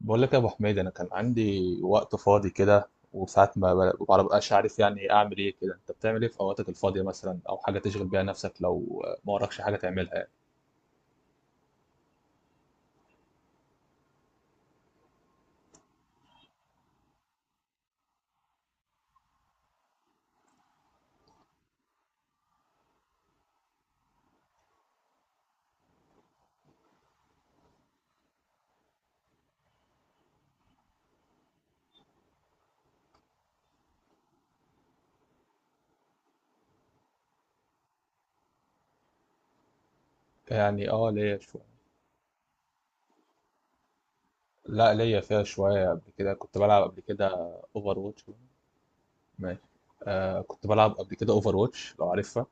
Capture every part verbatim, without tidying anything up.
بقول لك يا ابو حميد، انا كان عندي وقت فاضي كده، وساعات ما ب- ما ببقاش عارف يعني إيه اعمل ايه كده. انت بتعمل ايه في اوقاتك الفاضيه مثلا، او حاجه تشغل بيها نفسك لو ما وراكش حاجه تعملها يعني؟ يعني اه ليا شويه. لا ليا فيها شويه، قبل كده كنت بلعب قبل كده اوفر واتش. ماشي. آه كنت بلعب قبل كده اوفر واتش لو عارفها.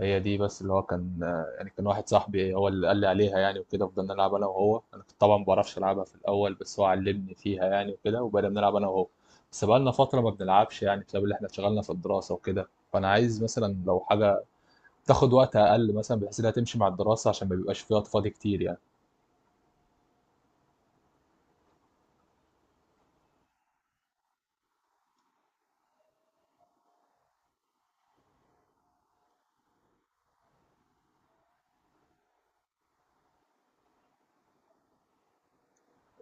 هي دي بس اللي هو كان، يعني كان واحد صاحبي هو اللي قال لي عليها يعني وكده، فضلنا نلعب انا وهو. انا كنت طبعا ما بعرفش العبها في الاول، بس هو علمني فيها يعني وكده، وبقينا بنلعب انا وهو. بس بقالنا فتره ما بنلعبش يعني، بسبب اللي احنا اتشغلنا في الدراسه وكده. فانا عايز مثلا لو حاجه تاخد وقت اقل مثلا، بحيث انها تمشي مع الدراسه، عشان ما بيبقاش في وقت فاضي كتير يعني.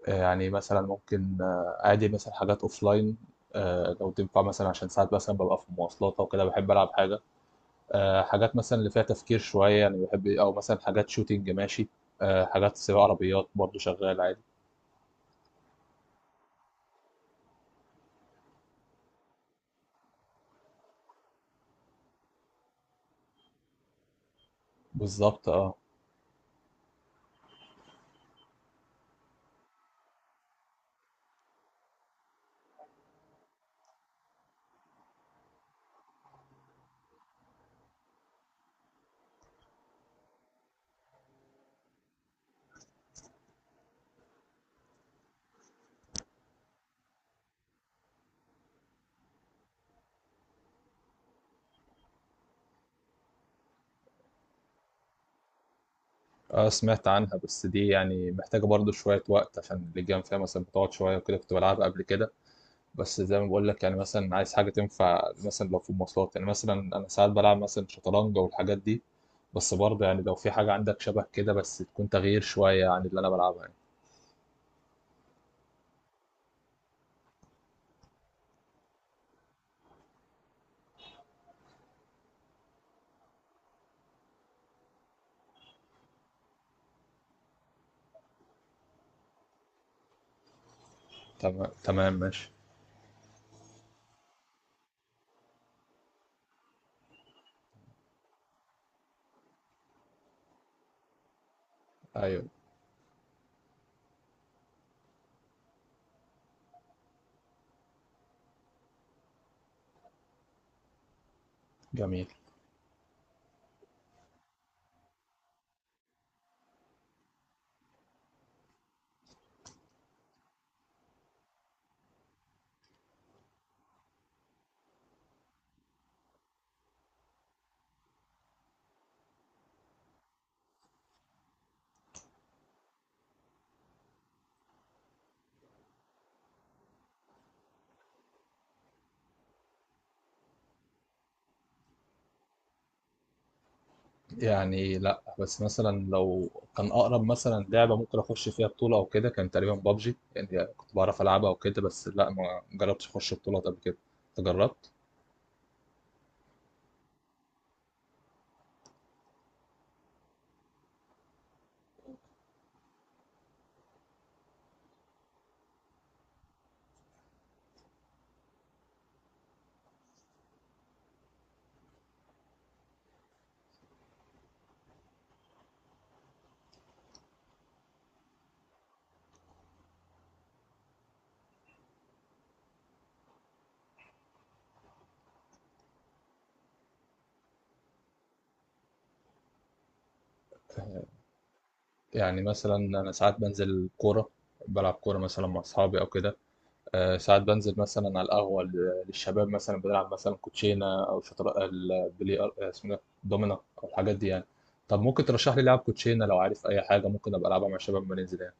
آه، يعني مثلا ممكن، آه، عادي مثلا حاجات اوفلاين. آه، لو تنفع مثلا، عشان ساعات مثلا ببقى في مواصلات او كده بحب العب حاجه. آه، حاجات مثلا اللي فيها تفكير شوية يعني بحب، أو مثلا حاجات شوتينج ماشي. آه، حاجات سباق عربيات برضو شغال عادي. بالظبط اه. اه سمعت عنها، بس دي يعني محتاجة برضو شوية وقت، عشان اللجام فيها مثلا بتقعد شوية وكده، كنت بلعبها قبل كده. بس زي ما بقول لك يعني، مثلا عايز حاجة تنفع مثلا لو في مواصلات يعني، مثلا أنا ساعات بلعب مثلا شطرنج والحاجات دي. بس برضه يعني لو في حاجة عندك شبه كده، بس تكون تغيير شوية عن اللي أنا بلعبها يعني. تمام تمام ماشي. أيوه. جميل. يعني لأ، بس مثلًا لو كان أقرب مثلًا لعبة ممكن أخُش فيها بطولة أو كده، كان تقريبًا بي يو بي جي، يعني كنت باعرف ألعبها وكده، بس لأ، ما جرّبتش أخُش بطولات قبل كده. أنت جرّبت؟ يعني مثلًا أنا ساعات بانزل كورة، بالعب كورة مثلًا مع أصحابي أو كده. آآ ساعات بانزل مثلًا على القهوة ل للشباب مثلًا بنلعب مثلًا كوتشينة أو شطر البلي أ اسمه ده، دومنا أو الحاجات دي يعني. طَب ممكن ترشّح لي لعب كوتشينة لو عارف أي حاجة ممكن أبقى ألعبها مع الشباب أمّا ننزل يعني؟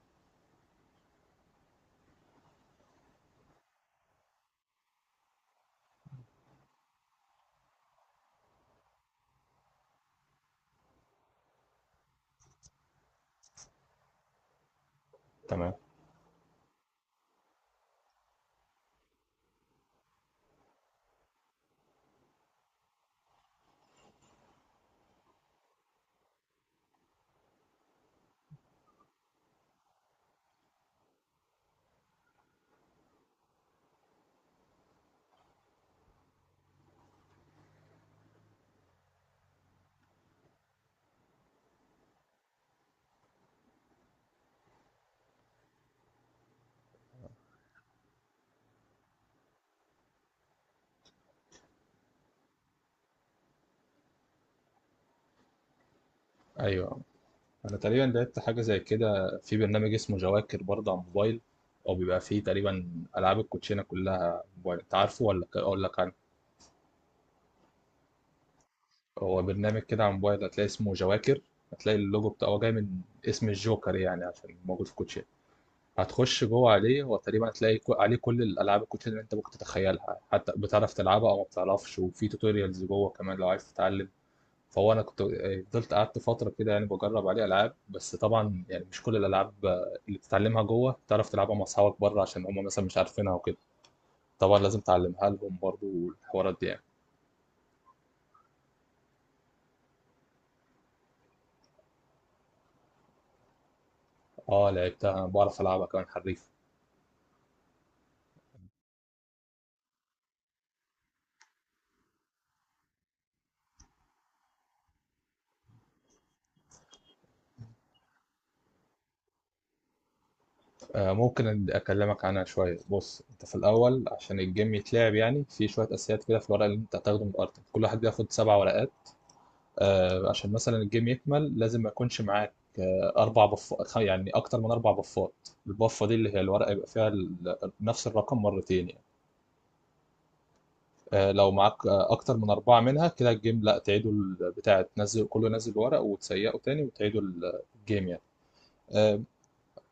تمام. أيوه. انا تقريبا لعبت حاجه زي كده في برنامج اسمه جواكر برضه على الموبايل، او بيبقى فيه تقريبا العاب الكوتشينه كلها موبايل. انت عارفه ولا ك- اقول لك عنه؟ هو برنامج كده على الموبايل، هتلاقي اسمه جواكر. هتلاقي اللوجو بتاعه هو جاي من اسم الجوكر يعني، عشان موجود في الكوتشينه. هتخش جوه عليه، هو تقريبا هتلاقي كو- عليه كل الالعاب الكوتشينه اللي انت ممكن تتخيلها، حتى بتعرف تلعبها او ما بتعرفش، وفي توتوريالز جوه كمان لو عايز تتعلم. فهو انا كنت آه، فضلت قعدت فتره كده يعني بجرب عليه العاب، بس طبعا يعني مش كل الالعاب آه، اللي بتتعلمها جوه تعرف تلعبها مع اصحابك بره، عشان هم مثلا مش عارفينها وكده. طبعا لازم تعلمها لهم برضو والحوارات دي يعني. اه لعبتها، بعرف العبها كمان حريف. آه ممكن أد- اكلمك عنها شويه. بص انت في الاول، عشان الجيم يتلعب يعني في شويه اساسيات كده، في الورق اللي انت هتاخده من الارض، كل واحد بياخد سبع ورقات. آه، عشان مثلا الجيم يكمل، لازم ما يكونش معاك آه، اربع بف، يعني اكتر من اربع بفات. البفه دي اللي هي الورقه يبقى فيها ال- نفس الرقم مرتين يعني. آه، لو معاك آه، اكتر من اربعه منها كده، الجيم لا تعيدوا البتاع تنزل، كله ينزل ورق وتسيقه تاني، وتعيدوا ال- الجيم يعني. اه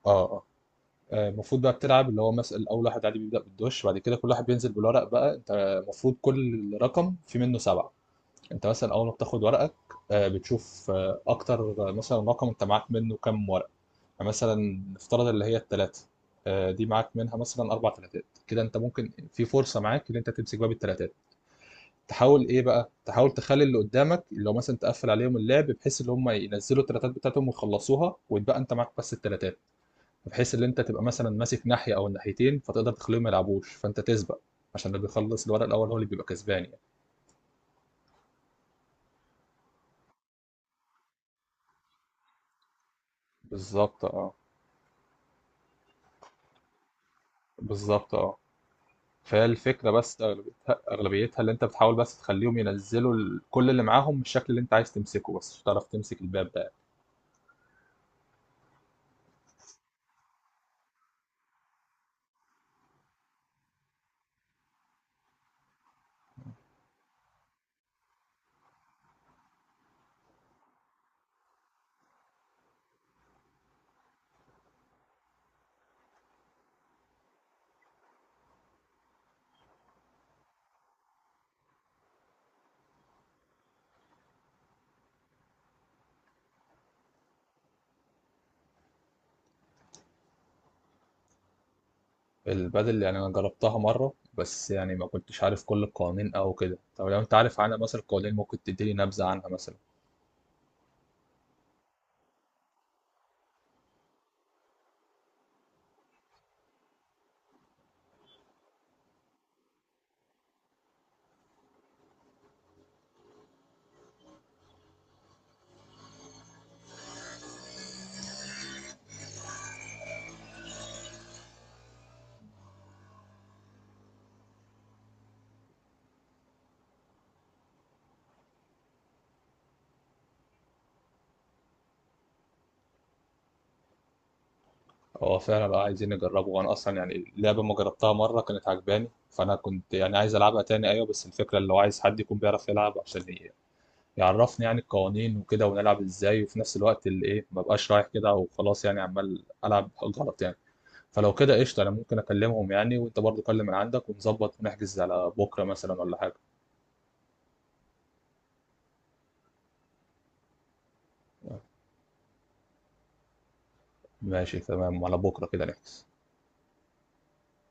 اه. آه، آه، المفروض بقى بتلعب اللي هو مثلا اول واحد عادي بيبدا بالدوش، بعد كده كل واحد بينزل بالورق بقى. انت المفروض كل رقم في منه سبعه. انت مثلا اول ما بتاخد ورقك آه، بتشوف آه، اكتر آه، مثلا رقم انت معاك منه كام ورقه يعني. مثلا نفترض اللي هي الثلاثه، دي معاك منها مثلا اربع ثلاثات كده، انت ممكن في فرصه معاك ان انت تمسك باب الثلاثات. تحاول ايه بقى، تحاول تخلي اللي قدامك اللي هو مثلا تقفل عليهم اللعب، بحيث ان هم ينزلوا الثلاثات بتاعتهم ويخلصوها، ويتبقى انت معاك بس الثلاثات. بحيث ان انت تبقى مثلا ماسك ناحيه او الناحيتين، فتقدر تخليهم ما يلعبوش، فانت تسبق، عشان اللي بيخلص الورق الاول هو اللي بيبقى كسبان يعني. بالظبط اه. بالظبط اه. فالفكرة بس أغلبيتها أغلبيتها اللي أنت بتحاول بس تخليهم ينزلوا ال- كل اللي معاهم بالشكل اللي أنت عايز تمسكه، بس مش هتعرف تمسك الباب ده. البدل يعني أنا جربتها مرة، بس يعني ما كنتش عارف كل القوانين أو كده. طب لو أنت عارف عنها مثلا القوانين، ممكن تديني نبذة عنها مثلا؟ هو فعلا بقى عايزين نجربه، وأنا أصلا يعني اللعبة ما جربتها مرة كانت عجباني، فأنا كنت يعني عايز ألعبها تاني. أيوة بس الفكرة اللي هو عايز حد يكون بيعرف يلعب، عشان يعرفني يعني القوانين وكده ونلعب ازاي، وفي نفس الوقت اللي ايه ما بقاش رايح كده وخلاص يعني عمال العب غلط يعني. فلو كده قشطه، انا ممكن اكلمهم يعني، وانت برضو كلم من عندك، ونظبط ونحجز على بكره مثلا ولا حاجه. ماشي تمام، على بكره كده نحجز.